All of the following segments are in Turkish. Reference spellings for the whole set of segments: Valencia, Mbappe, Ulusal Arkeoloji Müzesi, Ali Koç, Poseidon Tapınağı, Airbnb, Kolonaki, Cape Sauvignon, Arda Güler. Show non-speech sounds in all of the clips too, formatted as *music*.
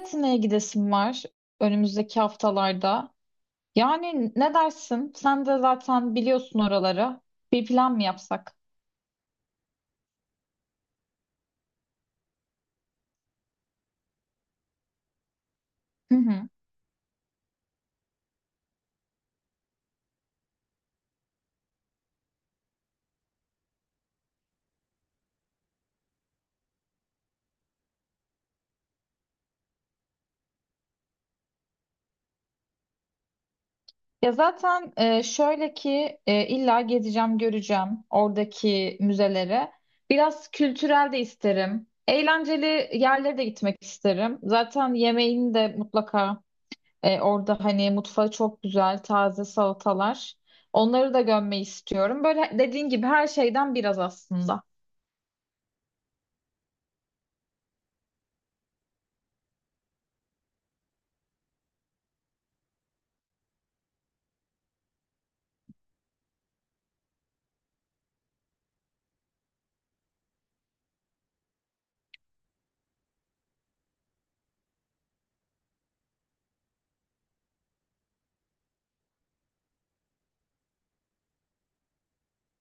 Atina'ya gidesim var önümüzdeki haftalarda. Yani ne dersin? Sen de zaten biliyorsun oraları. Bir plan mı yapsak? Hı hı. Ya zaten şöyle ki illa gezeceğim, göreceğim oradaki müzelere. Biraz kültürel de isterim. Eğlenceli yerlere de gitmek isterim. Zaten yemeğini de mutlaka orada hani mutfağı çok güzel, taze salatalar. Onları da görmeyi istiyorum. Böyle dediğin gibi her şeyden biraz aslında.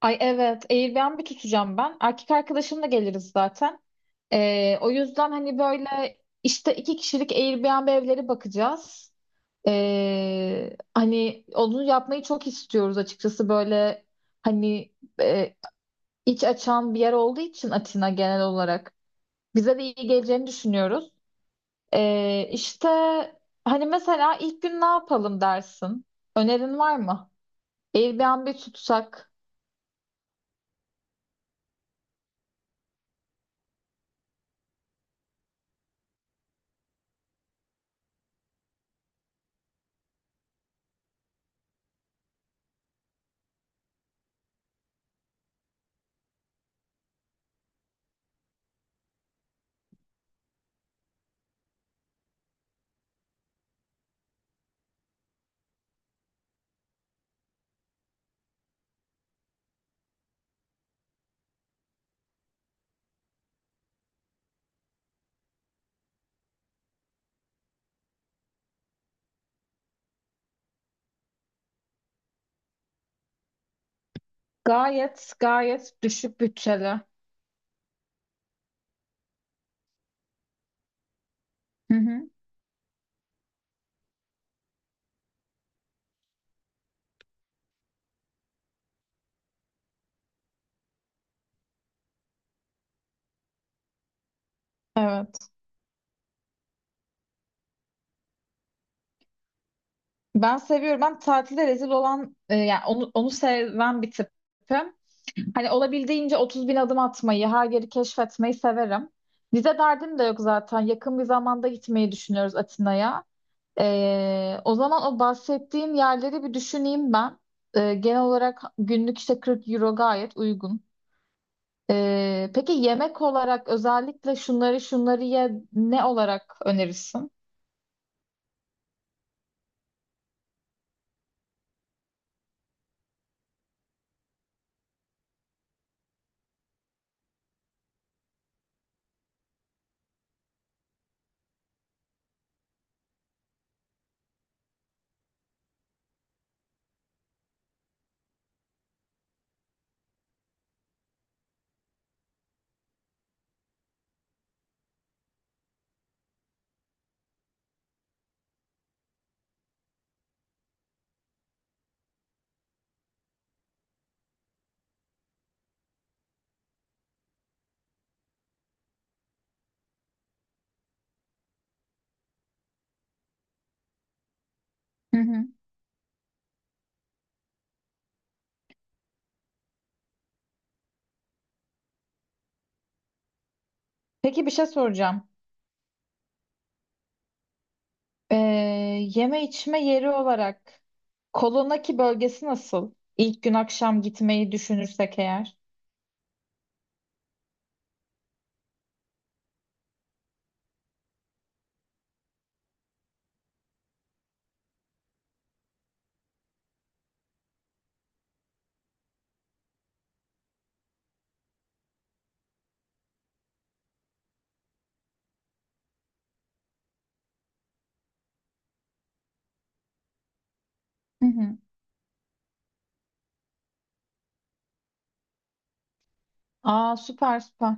Ay evet, Airbnb tutacağım ben. Erkek arkadaşımla geliriz zaten. O yüzden hani böyle işte iki kişilik Airbnb evleri bakacağız. Hani onu yapmayı çok istiyoruz açıkçası böyle hani e, iç açan bir yer olduğu için Atina genel olarak bize de iyi geleceğini düşünüyoruz. İşte hani mesela ilk gün ne yapalım dersin? Önerin var mı? Airbnb tutsak. Gayet gayet düşük bütçeli. Hı hı. Evet. Ben seviyorum. Ben tatilde rezil olan yani onu seven bir tipim. Hani olabildiğince 30 bin adım atmayı, her yeri keşfetmeyi severim. Vize derdim de yok zaten. Yakın bir zamanda gitmeyi düşünüyoruz Atina'ya. E, o zaman o bahsettiğim yerleri bir düşüneyim ben. E, genel olarak günlük işte 40 euro gayet uygun. E, peki yemek olarak özellikle şunları şunları ye ne olarak önerirsin? Peki bir şey soracağım. Ee, Yeme içme yeri olarak Kolonaki bölgesi nasıl? İlk gün akşam gitmeyi düşünürsek eğer. Hı hı. Aa süper süper.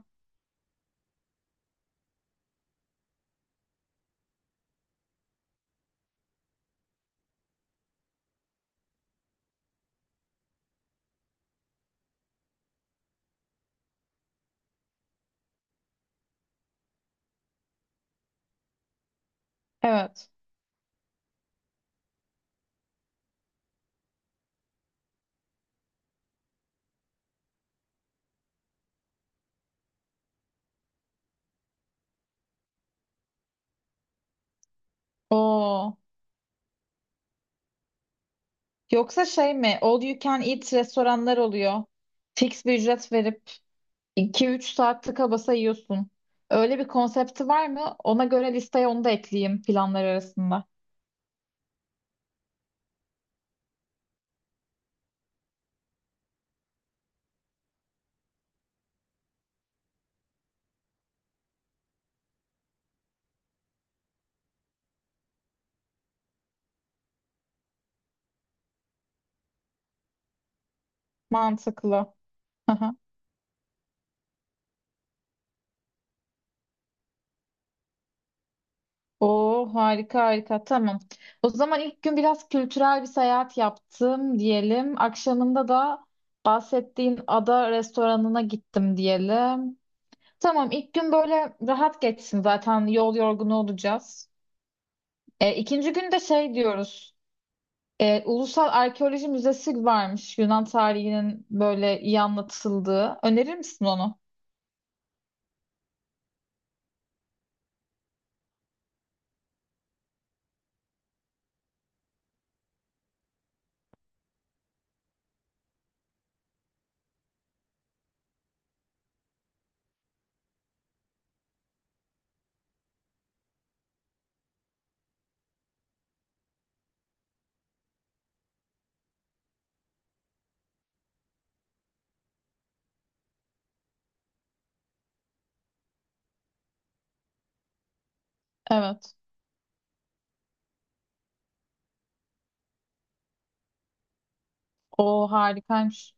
Evet. Oo. Yoksa şey mi? All you can eat restoranlar oluyor. Fix bir ücret verip iki üç saat tıka basa yiyorsun. Öyle bir konsepti var mı? Ona göre listeye onu da ekleyeyim planlar arasında. Mantıklı. *laughs* Oo harika harika tamam. O zaman ilk gün biraz kültürel bir seyahat yaptım diyelim. Akşamında da bahsettiğin ada restoranına gittim diyelim. Tamam ilk gün böyle rahat geçsin zaten yol yorgunu olacağız. E, ikinci gün de şey diyoruz. E, Ulusal Arkeoloji Müzesi varmış Yunan tarihinin böyle iyi anlatıldığı. Önerir misin onu? Evet. O harikaymış.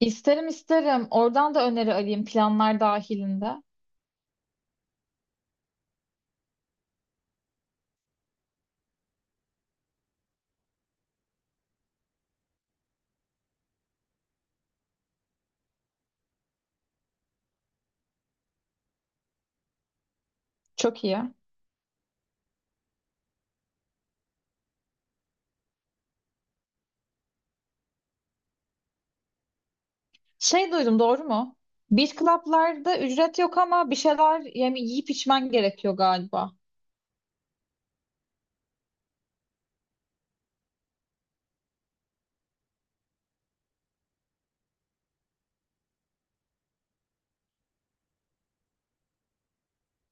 İsterim isterim. Oradan da öneri alayım planlar dahilinde. Çok iyi. Şey duydum doğru mu? Beach club'larda ücret yok ama bir şeyler yani yiyip içmen gerekiyor galiba.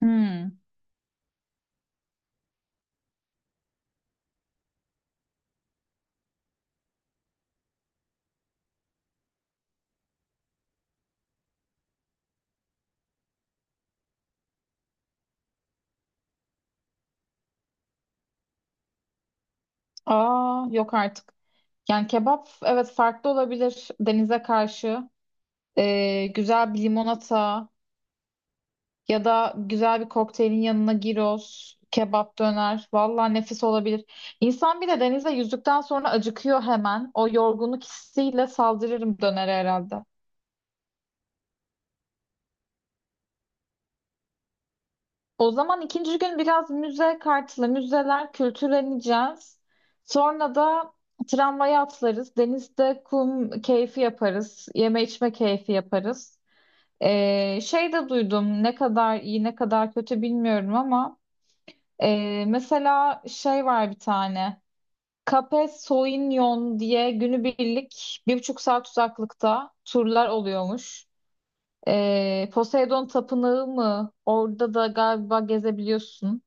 Hmm. Aa yok artık. Yani kebap evet farklı olabilir denize karşı. Güzel bir limonata ya da güzel bir kokteylin yanına gyros, kebap döner. Vallahi nefis olabilir. İnsan bir de denize yüzdükten sonra acıkıyor hemen. O yorgunluk hissiyle saldırırım dönere herhalde. O zaman ikinci gün biraz müze kartlı, müzeler kültürleneceğiz. Sonra da tramvaya atlarız. Denizde kum keyfi yaparız. Yeme içme keyfi yaparız. Şey de duydum ne kadar iyi ne kadar kötü bilmiyorum ama mesela şey var bir tane. Cape Sauvignon diye günübirlik bir buçuk saat uzaklıkta turlar oluyormuş. Poseidon Tapınağı mı? Orada da galiba gezebiliyorsun.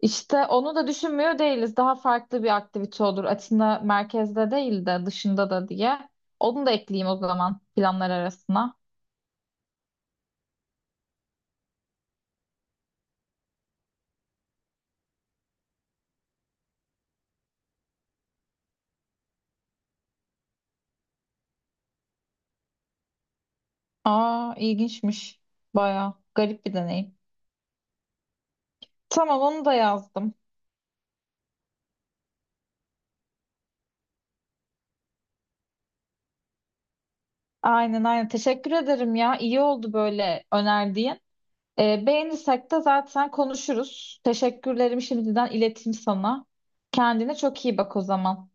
İşte onu da düşünmüyor değiliz. Daha farklı bir aktivite olur. Atina merkezde değil de dışında da diye. Onu da ekleyeyim o zaman planlar arasına. Aa ilginçmiş. Baya garip bir deneyim. Tamam onu da yazdım. Aynen aynen. Teşekkür ederim ya. İyi oldu böyle önerdiğin. Beğenirsek de zaten konuşuruz. Teşekkürlerimi şimdiden ileteyim sana. Kendine çok iyi bak o zaman.